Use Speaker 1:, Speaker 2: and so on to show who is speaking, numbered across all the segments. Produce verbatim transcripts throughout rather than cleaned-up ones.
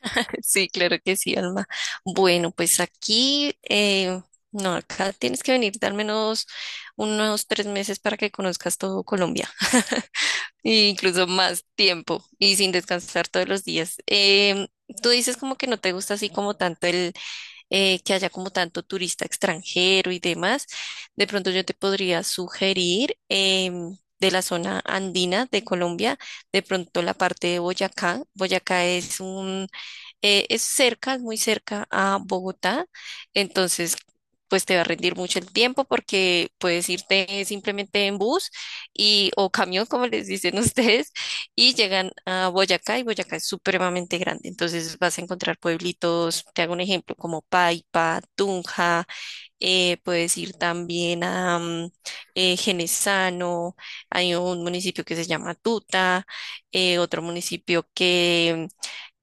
Speaker 1: Sí, claro que sí, Alma. Bueno, pues aquí, eh, no, acá tienes que venir al menos unos tres meses para que conozcas todo Colombia, e incluso más tiempo y sin descansar todos los días. Em, tú dices como que no te gusta así como tanto el eh, que haya como tanto turista extranjero y demás. De pronto yo te podría sugerir em, de la zona andina de Colombia, de pronto la parte de Boyacá. Boyacá es un eh, es cerca, es muy cerca a Bogotá, entonces pues te va a rendir mucho el tiempo porque puedes irte simplemente en bus y o camión, como les dicen ustedes, y llegan a Boyacá y Boyacá es supremamente grande, entonces vas a encontrar pueblitos, te hago un ejemplo, como Paipa, Tunja, eh, puedes ir también a mm, eh, Genesano, hay un municipio que se llama Tuta, eh, otro municipio que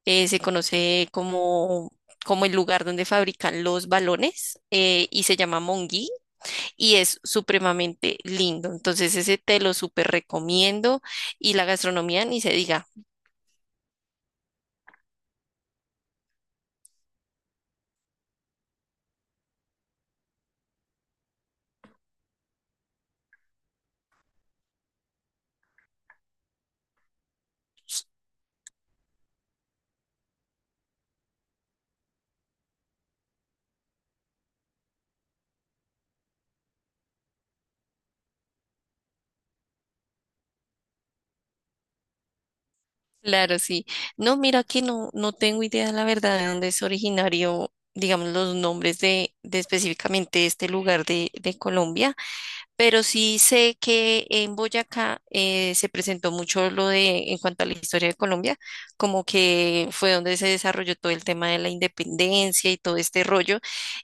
Speaker 1: eh, se conoce como, como el lugar donde fabrican los balones eh, y se llama Monguí y es supremamente lindo. Entonces ese te lo súper recomiendo y la gastronomía ni se diga. Claro, sí. No, mira que no, no tengo idea, la verdad, de dónde es originario, digamos, los nombres de, de específicamente este lugar de, de Colombia. Pero sí sé que en Boyacá eh, se presentó mucho lo de, en cuanto a la historia de Colombia, como que fue donde se desarrolló todo el tema de la independencia y todo este rollo.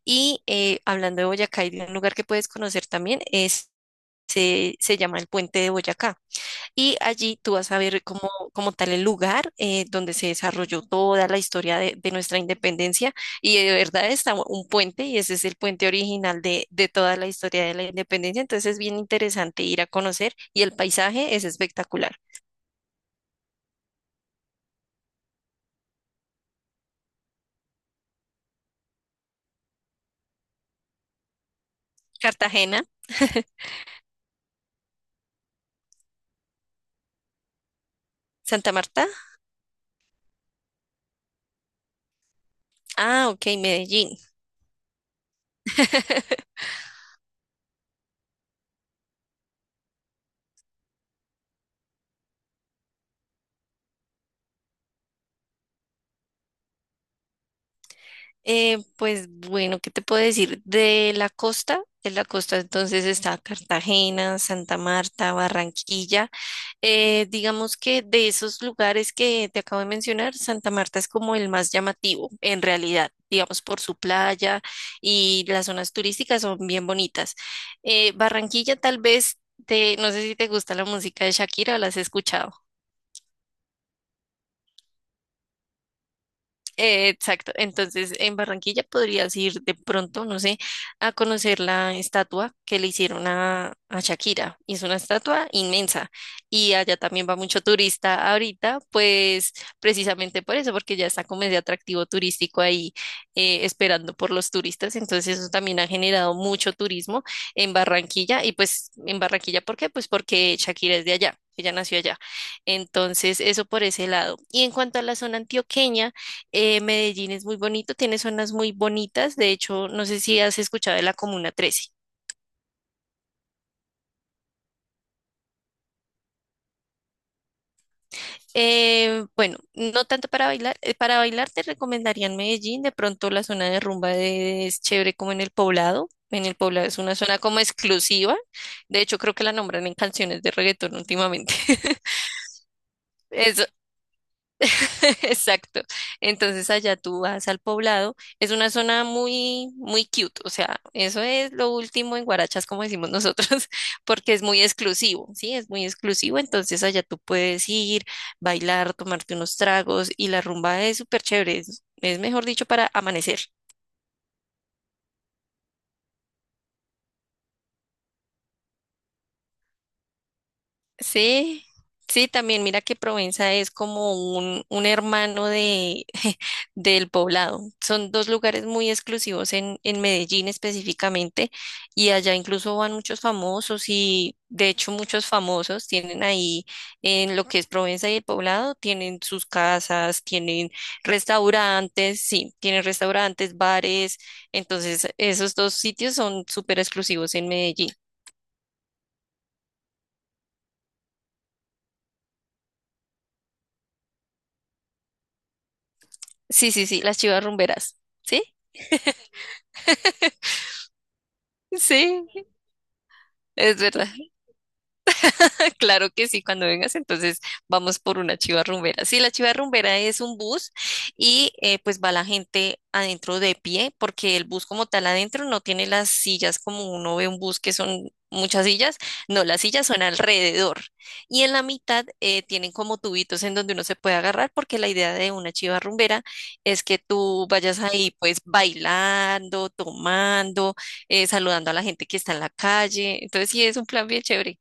Speaker 1: Y eh, hablando de Boyacá, hay un lugar que puedes conocer también, es, se, se llama el Puente de Boyacá. Y allí tú vas a ver como, como tal el lugar eh, donde se desarrolló toda la historia de, de nuestra independencia. Y de verdad está un puente y ese es el puente original de, de toda la historia de la independencia. Entonces es bien interesante ir a conocer y el paisaje es espectacular. Cartagena, Santa Marta. Ah, ok, Medellín. Eh, pues bueno, ¿qué te puedo decir? De la costa, de la costa entonces está Cartagena, Santa Marta, Barranquilla. Eh, digamos que de esos lugares que te acabo de mencionar, Santa Marta es como el más llamativo, en realidad, digamos por su playa, y las zonas turísticas son bien bonitas. Eh, Barranquilla tal vez, te, no sé si te gusta la música de Shakira o la has escuchado. Eh, Exacto, entonces en Barranquilla podrías ir de pronto, no sé, a conocer la estatua que le hicieron a, a Shakira. Y es una estatua inmensa y allá también va mucho turista ahorita, pues precisamente por eso, porque ya está como ese atractivo turístico ahí eh, esperando por los turistas. Entonces eso también ha generado mucho turismo en Barranquilla y pues en Barranquilla, ¿por qué? Pues porque Shakira es de allá, ella nació allá. Entonces eso por ese lado. Y en cuanto a la zona antioqueña, eh, Medellín es muy bonito, tiene zonas muy bonitas. De hecho, no sé si has escuchado de la Comuna trece. Eh, bueno, no tanto para bailar. eh, Para bailar te recomendarían Medellín. De pronto la zona de rumba de- es chévere como en el Poblado. En el Poblado es una zona como exclusiva. De hecho, creo que la nombran en canciones de reggaetón últimamente. Eso, exacto. Entonces allá tú vas al Poblado. Es una zona muy, muy cute. O sea, eso es lo último en guarachas, como decimos nosotros, porque es muy exclusivo, ¿sí? Es muy exclusivo. Entonces allá tú puedes ir, bailar, tomarte unos tragos y la rumba es súper chévere. Es, es mejor dicho para amanecer. Sí, sí, también mira que Provenza es como un, un hermano de, del Poblado. Son dos lugares muy exclusivos en, en Medellín específicamente, y allá incluso van muchos famosos y de hecho muchos famosos tienen ahí en lo que es Provenza y el Poblado, tienen sus casas, tienen restaurantes, sí, tienen restaurantes, bares. Entonces esos dos sitios son súper exclusivos en Medellín. Sí, sí, sí, las chivas rumberas. ¿Sí? Sí, es verdad. Claro que sí, cuando vengas, entonces vamos por una chiva rumbera. Sí, la chiva rumbera es un bus y eh, pues va la gente adentro de pie, porque el bus como tal adentro no tiene las sillas como uno ve un bus que son muchas sillas, no, las sillas son alrededor y en la mitad eh, tienen como tubitos en donde uno se puede agarrar, porque la idea de una chiva rumbera es que tú vayas ahí pues bailando, tomando, eh, saludando a la gente que está en la calle, entonces sí, es un plan bien chévere.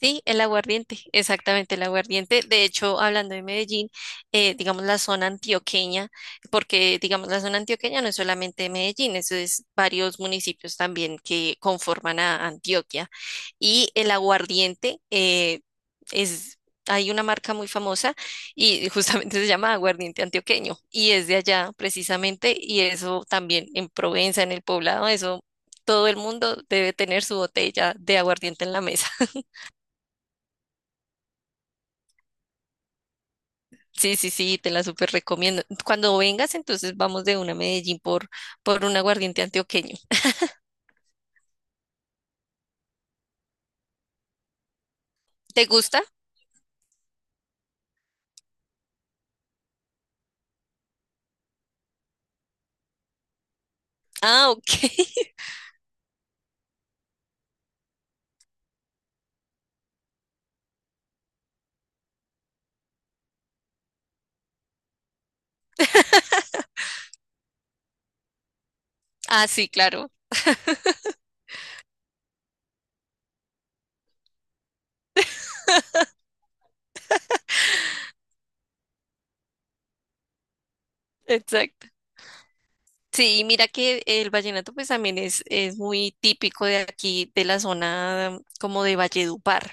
Speaker 1: Sí, el aguardiente, exactamente el aguardiente. De hecho, hablando de Medellín, eh, digamos la zona antioqueña, porque digamos la zona antioqueña no es solamente Medellín, eso es varios municipios también que conforman a Antioquia. Y el aguardiente eh, es, hay una marca muy famosa y justamente se llama aguardiente antioqueño y es de allá precisamente, y eso también en Provenza, en el Poblado, eso todo el mundo debe tener su botella de aguardiente en la mesa. Sí, sí, sí, te la súper recomiendo. Cuando vengas, entonces vamos de una a Medellín por, por un aguardiente antioqueño. ¿Te gusta? Ah, ok. Ah, sí, claro. Exacto. Sí, y mira que el vallenato pues también es, es muy típico de aquí, de la zona como de Valledupar.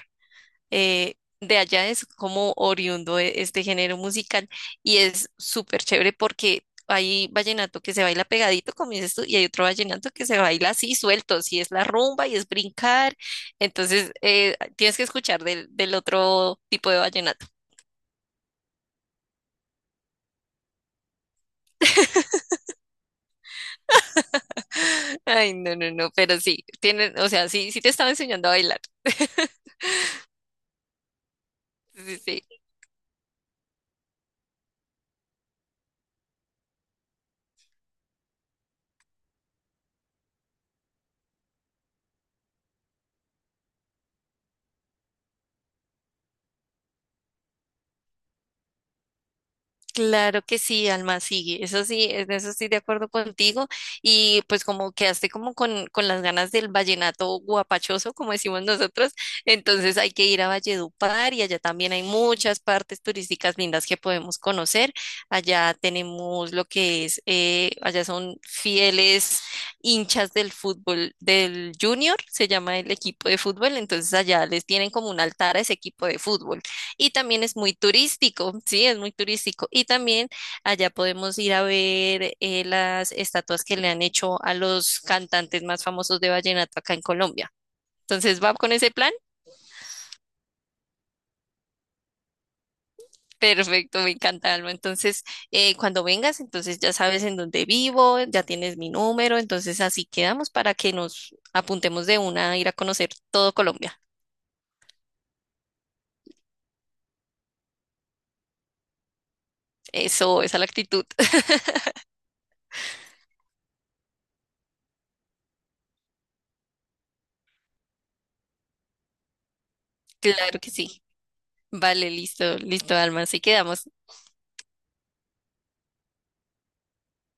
Speaker 1: eh, De allá es como oriundo e- este género musical y es súper chévere porque hay vallenato que se baila pegadito, como dices tú, y hay otro vallenato que se baila así suelto, si es la rumba y es brincar, entonces eh, tienes que escuchar del, del otro tipo de vallenato. Ay, no, no, no, pero sí, tienen, o sea, sí, sí te estaba enseñando a bailar. Sí, sí. Claro que sí, Alma, sí, eso sí, en eso estoy de acuerdo contigo, y pues como quedaste como con, con las ganas del vallenato guapachoso, como decimos nosotros, entonces hay que ir a Valledupar y allá también hay muchas partes turísticas lindas que podemos conocer, allá tenemos lo que es, eh, allá son fieles hinchas del fútbol del Junior, se llama el equipo de fútbol, entonces allá les tienen como un altar a ese equipo de fútbol. Y también es muy turístico, sí, es muy turístico. Y también allá podemos ir a ver eh, las estatuas que le han hecho a los cantantes más famosos de vallenato acá en Colombia. Entonces, ¿va con ese plan? Perfecto, me encanta, Alma. Entonces, eh, cuando vengas, entonces ya sabes en dónde vivo, ya tienes mi número, entonces así quedamos para que nos apuntemos de una a ir a conocer todo Colombia. Eso, esa es la actitud. Claro que sí. Vale, listo, listo, Alma. Así quedamos.